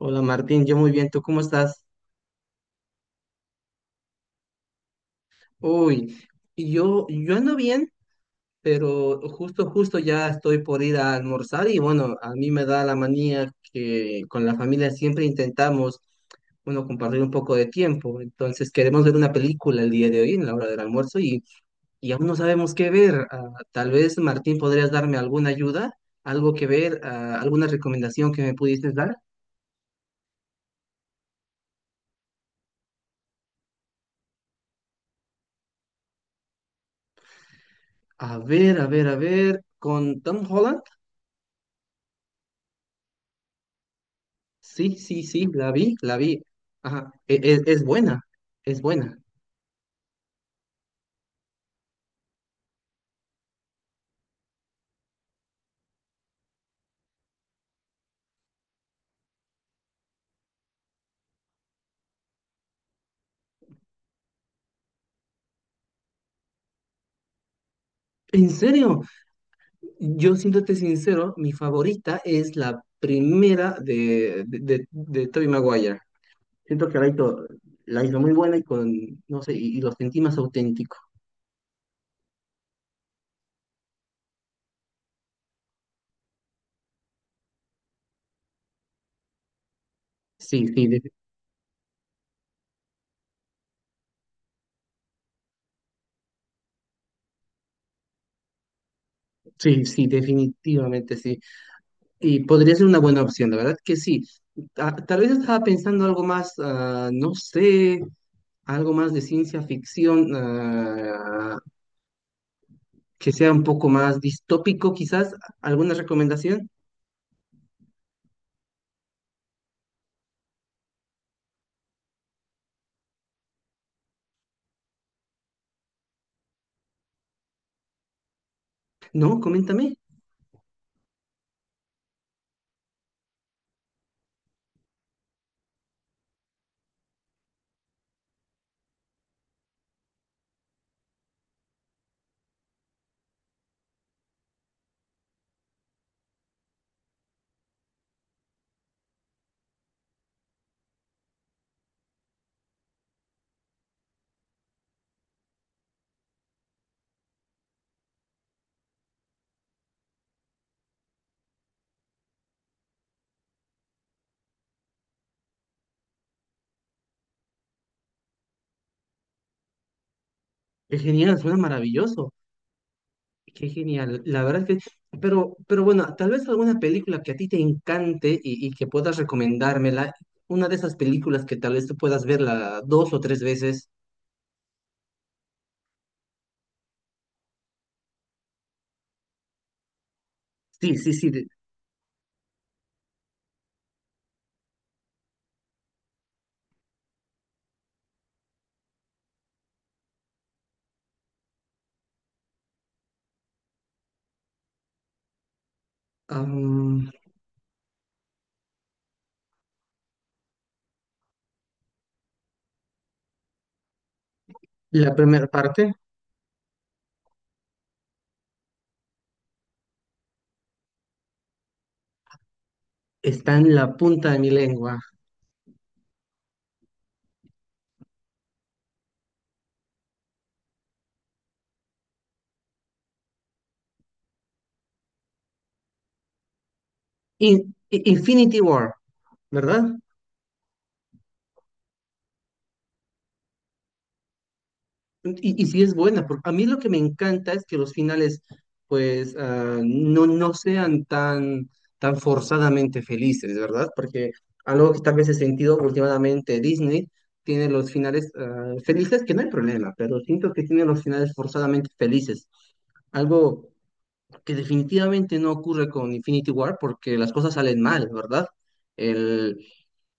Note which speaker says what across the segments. Speaker 1: Hola Martín, yo muy bien, ¿tú cómo estás? Uy, yo ando bien, pero justo ya estoy por ir a almorzar y bueno, a mí me da la manía que con la familia siempre intentamos, bueno, compartir un poco de tiempo. Entonces queremos ver una película el día de hoy en la hora del almuerzo y aún no sabemos qué ver. Tal vez Martín podrías darme alguna ayuda, algo que ver, alguna recomendación que me pudieses dar. A ver, a ver, a ver, con Tom Holland. Sí, sí, sí, la vi, la vi. Ajá, es buena, es buena. En serio, yo siéndote sincero, mi favorita es la primera de Tobey Maguire. Siento que la hizo muy buena no sé, y lo sentí más auténtico. Sí, sí, de- sí, sí, definitivamente sí. Y podría ser una buena opción, la verdad que sí. Tal vez estaba pensando algo más, no sé, algo más de ciencia ficción. Que sea un poco más distópico, quizás. ¿Alguna recomendación? No, coméntame. Qué genial, suena maravilloso. Qué genial. La verdad es que, pero bueno, tal vez alguna película que a ti te encante y que puedas recomendármela. Una de esas películas que tal vez tú puedas verla dos o tres veces. Sí, sí, sí. La primera parte está en la punta de mi lengua. Infinity War, ¿verdad? Y sí es buena, porque a mí lo que me encanta es que los finales, pues, no, no sean tan, tan forzadamente felices, ¿verdad? Porque algo que tal vez he sentido últimamente, Disney tiene los finales felices, que no hay problema, pero siento que tiene los finales forzadamente felices. Algo que definitivamente no ocurre con Infinity War, porque las cosas salen mal, ¿verdad? El,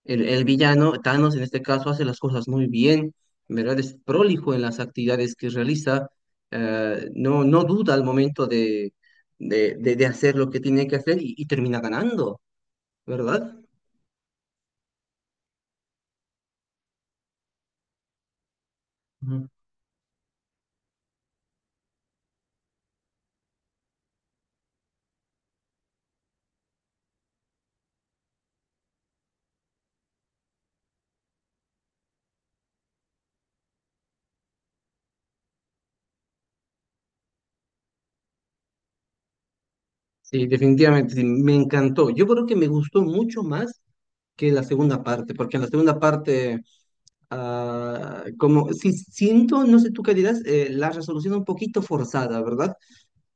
Speaker 1: El villano, Thanos en este caso, hace las cosas muy bien, en verdad es prolijo en las actividades que realiza, no, no duda al momento de hacer lo que tiene que hacer y termina ganando, ¿verdad? Ujú. Sí, definitivamente, sí, me encantó. Yo creo que me gustó mucho más que la segunda parte, porque en la segunda parte, como si siento, no sé tú qué dirás, la resolución un poquito forzada, ¿verdad?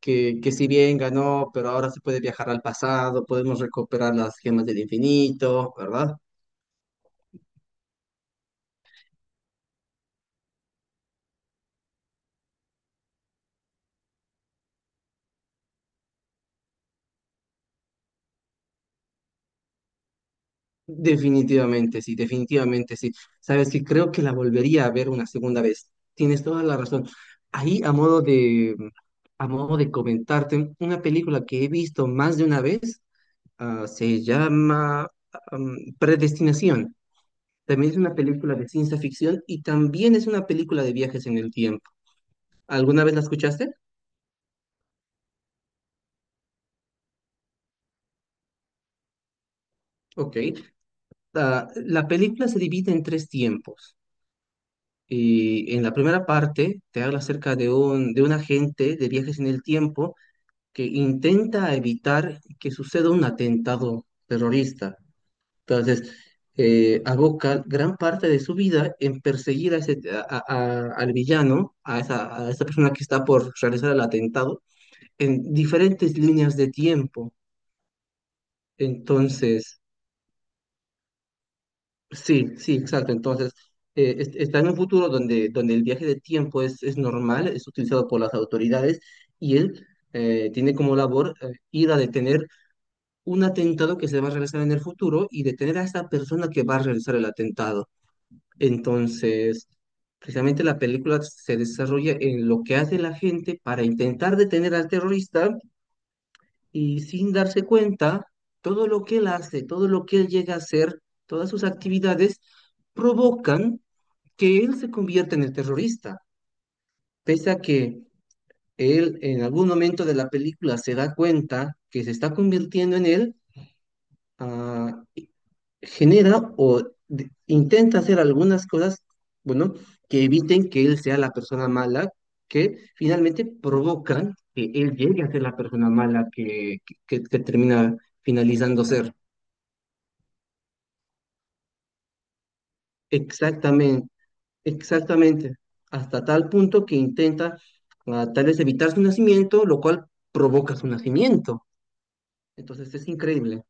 Speaker 1: Que si bien ganó, pero ahora se puede viajar al pasado, podemos recuperar las gemas del infinito, ¿verdad? Definitivamente, sí, definitivamente, sí. Sabes que creo que la volvería a ver una segunda vez. Tienes toda la razón. Ahí, a modo de comentarte, una película que he visto más de una vez, se llama, Predestinación. También es una película de ciencia ficción y también es una película de viajes en el tiempo. ¿Alguna vez la escuchaste? Ok. La película se divide en tres tiempos. Y en la primera parte te habla acerca de de un agente de viajes en el tiempo que intenta evitar que suceda un atentado terrorista. Entonces, aboca gran parte de su vida en perseguir a al villano, a a esa persona que está por realizar el atentado, en diferentes líneas de tiempo. Entonces, sí, sí, exacto. Entonces, está en un futuro donde el viaje de tiempo es normal, es utilizado por las autoridades y él tiene como labor ir a detener un atentado que se va a realizar en el futuro y detener a esta persona que va a realizar el atentado. Entonces, precisamente la película se desarrolla en lo que hace la gente para intentar detener al terrorista y sin darse cuenta, todo lo que él hace, todo lo que él llega a hacer, todas sus actividades provocan que él se convierte en el terrorista, pese a que él en algún momento de la película se da cuenta que se está convirtiendo en él, ah, genera o intenta hacer algunas cosas, bueno, que eviten que él sea la persona mala, que finalmente provocan que él llegue a ser la persona mala que termina finalizando ser. Exactamente. Exactamente, hasta tal punto que intenta tal vez evitar su nacimiento, lo cual provoca su nacimiento. Entonces es increíble.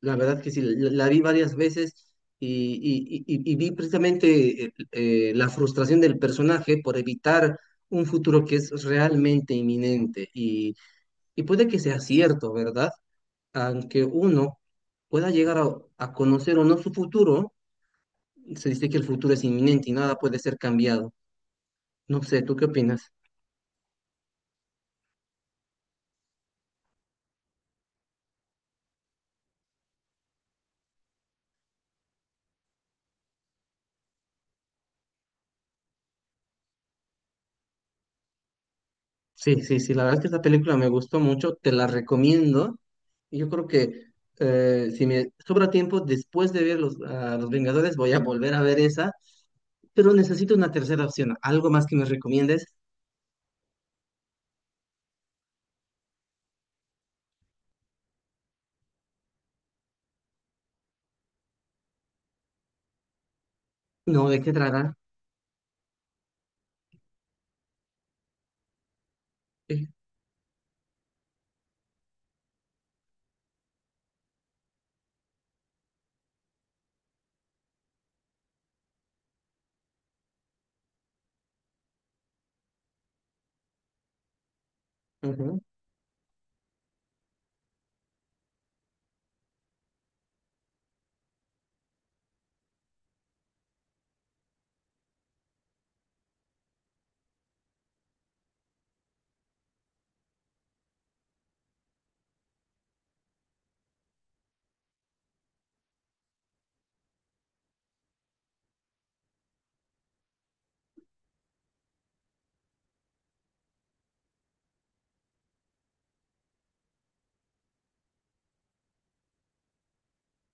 Speaker 1: La verdad que sí, la vi varias veces y vi precisamente la frustración del personaje por evitar un futuro que es realmente inminente y puede que sea cierto, ¿verdad? Aunque uno pueda llegar a conocer o no su futuro, se dice que el futuro es inminente y nada puede ser cambiado. No sé, ¿tú qué opinas? Sí, sí, sí, la verdad es que esta película me gustó mucho, te la recomiendo. Y yo creo que si me sobra tiempo después de ver a los Vengadores, voy a volver a ver esa, pero necesito una tercera opción, algo más que me recomiendes. No, ¿de qué trata? Eh, ujú,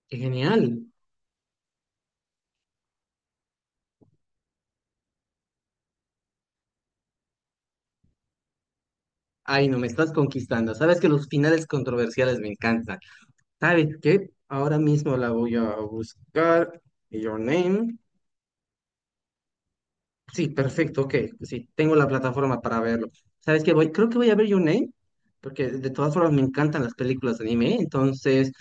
Speaker 1: qué genial. Ay, no, me estás conquistando. Sabes que los finales controversiales me encantan. ¿Sabes qué? Ahora mismo la voy a buscar. Your Name. Sí, perfecto, ok. Sí, tengo la plataforma para verlo. ¿Sabes qué? Voy, creo que voy a ver Your Name, porque de todas formas me encantan las películas de anime, entonces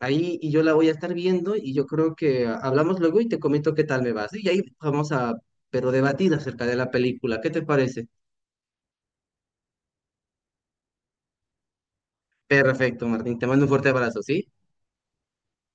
Speaker 1: ahí y yo la voy a estar viendo y yo creo que hablamos luego y te comento qué tal me va. ¿Sí? Y ahí vamos a, pero debatir acerca de la película. ¿Qué te parece? Perfecto, Martín. Te mando un fuerte abrazo, ¿sí?